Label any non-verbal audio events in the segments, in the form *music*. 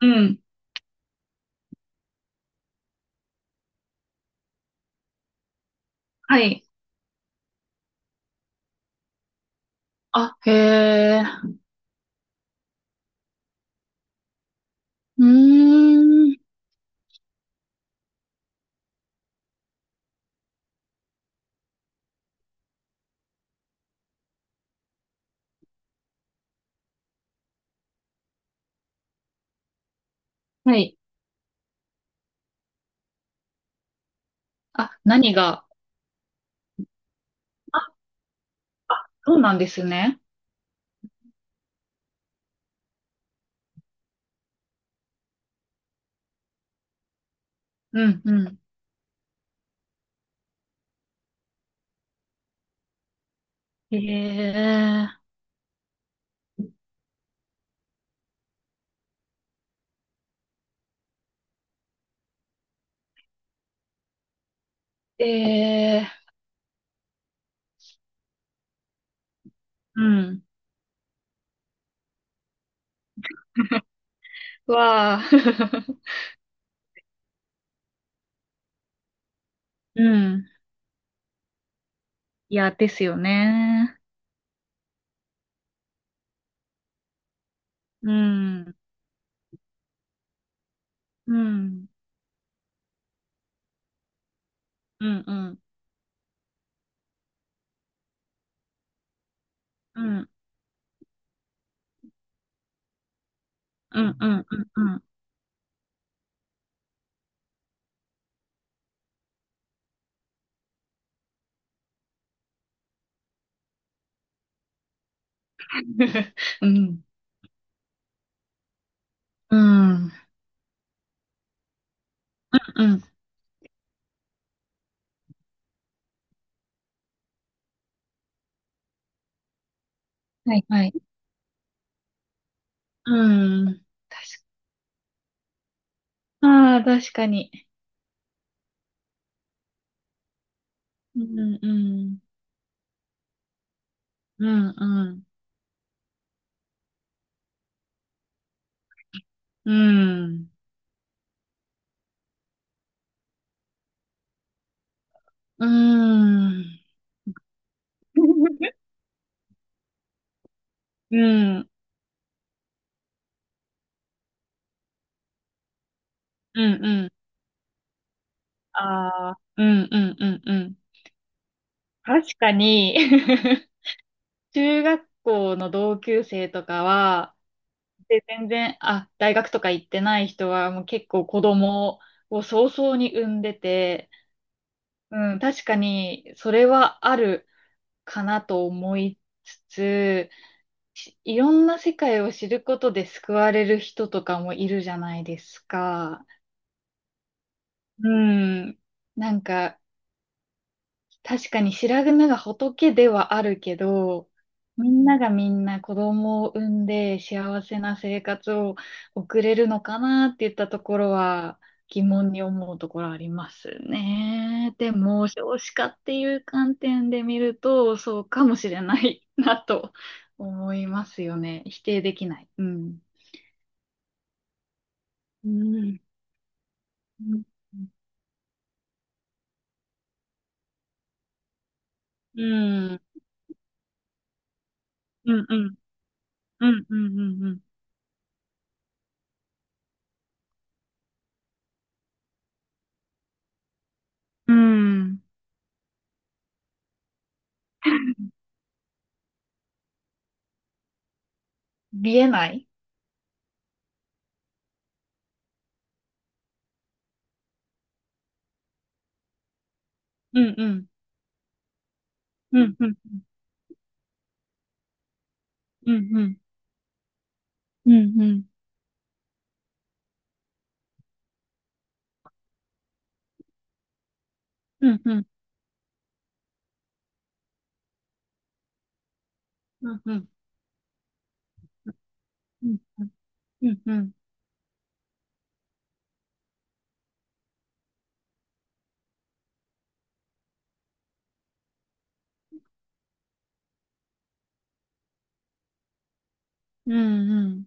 うん。はい。あ、へえ。うーん。はい。あ、何が。あ、そうなんですね。うん、うん。へえ。ええ。うん。わあ。*laughs* うん。いや、ですよね。うん。うん。うん、うん。うん。うん、うん、うん、うん。うん。うん。うん。はい、はい。うん。ああ、確かに。うん、うん。うん、うん。うん。うーん。*laughs* うん。うんうん。ああ、うんうんうんうん。確かに。 *laughs* 中学校の同級生とかは、で、全然、あ、大学とか行ってない人は、もう結構子供を早々に産んでて、うん、確かに、それはあるかなと思いつつ、いろんな世界を知ることで救われる人とかもいるじゃないですか。うん。なんか、確かに白髪が仏ではあるけど、みんながみんな子供を産んで幸せな生活を送れるのかなって言ったところは疑問に思うところありますね。でも少子化っていう観点で見るとそうかもしれないなと思いますよね。否定できない。うん。うん。うんうん。うんうん。うんうんうんうん。うん。見えない。うんうん。うん、うん、うん、うん、うん、うん、うん、うん、うん、うん、うん、うん、うん、うん、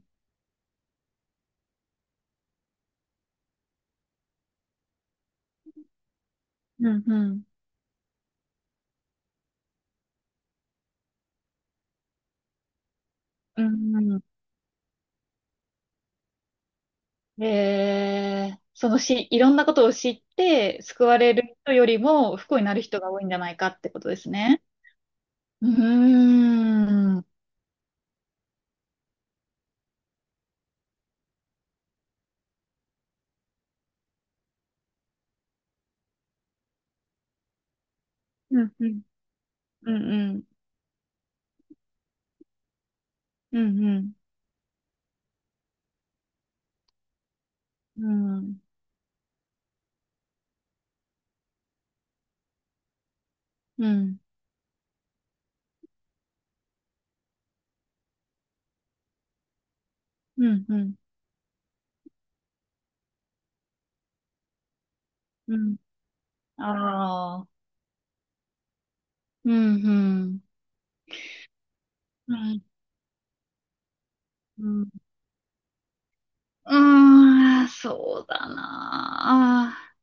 うん、うん、うん、えー、そのし、いろんなことを知って、救われる人よりも不幸になる人が多いんじゃないかってことですね。うーん、うん、うん、うん、うん、うん、うん、うん、うん、うん、うん。ああ、うん、うん、うん、うん。うーん、そうだなあ。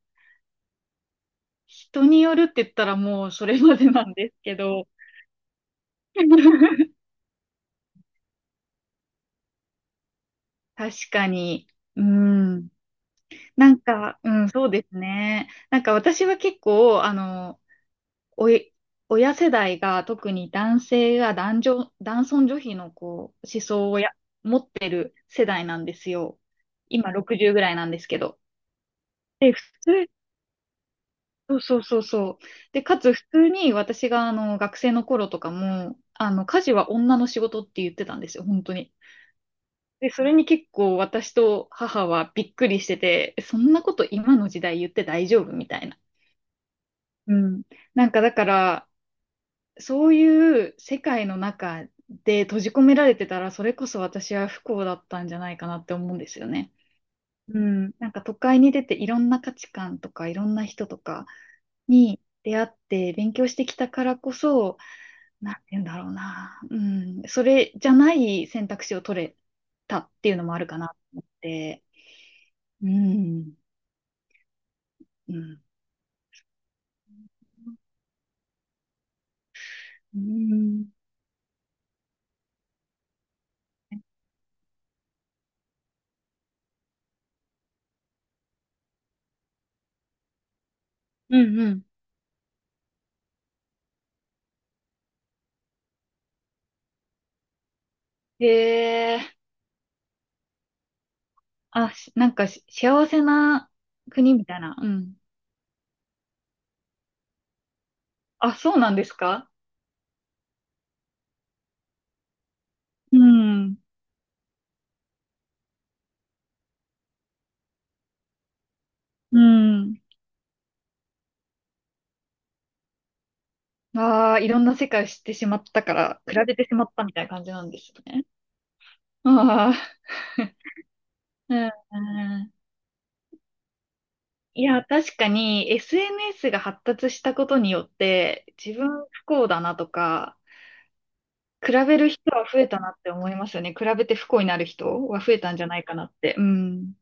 人によるって言ったらもうそれまでなんですけど。*laughs* 確かに。うん。なんか、うん、そうですね。なんか私は結構、おい、親世代が特に男性が男女、男尊女卑のこう思想を持ってる世代なんですよ。今60ぐらいなんですけど。で、普通、そうそうそうそう。で、かつ普通に私があの学生の頃とかも、あの、家事は女の仕事って言ってたんですよ、本当に。で、それに結構私と母はびっくりしてて、えそんなこと今の時代言って大丈夫みたいな。うん。なんかだから、そういう世界の中で閉じ込められてたら、それこそ私は不幸だったんじゃないかなって思うんですよね。うん。なんか都会に出ていろんな価値観とかいろんな人とかに出会って勉強してきたからこそ、なんて言うんだろうな。うん。それじゃない選択肢を取れたっていうのもあるかなと思って。うん。うん。うん。うんうん。へえ。あ、なんか幸せな国みたいな。うん。あ、そうなんですか。うん。うん。ああ、いろんな世界を知ってしまったから、比べてしまったみたいな感じなんですね。ああ、うん。うん。いや、確かに SNS が発達したことによって、自分不幸だなとか、比べる人は増えたなって思いますよね。比べて不幸になる人は増えたんじゃないかなって。うん。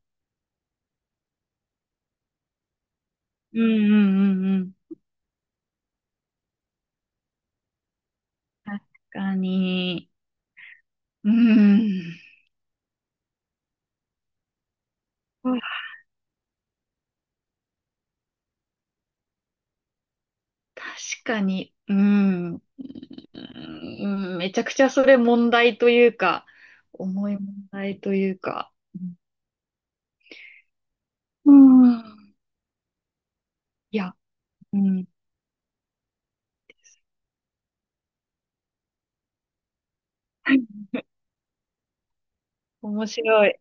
うんうんうんうん。確かに。うん。確かに。うん。うん。めちゃくちゃそれ問題というか、重い問題というか。うん。うん。いや、うん。面白い。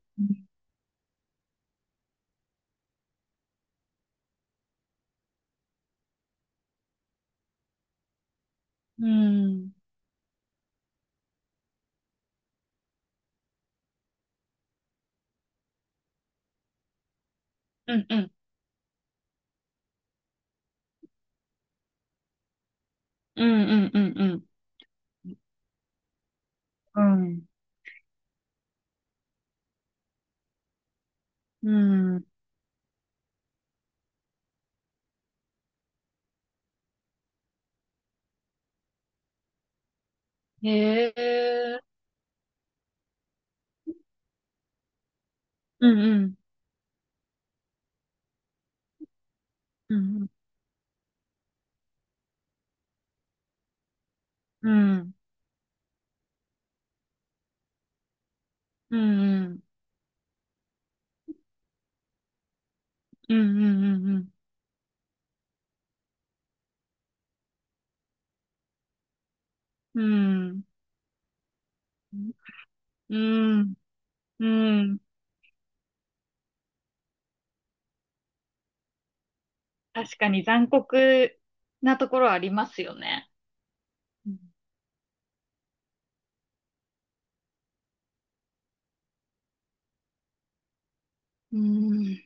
うん。うん。うん。うん。うん。うん。うん。うん。へえ。うんうん。うんうん。うんうん。うんうんうんうんうん。うんうんうんへえうんうんうんうんうんうんうんうんうんうん、うん。確かに残酷なところありますよね。うんうん。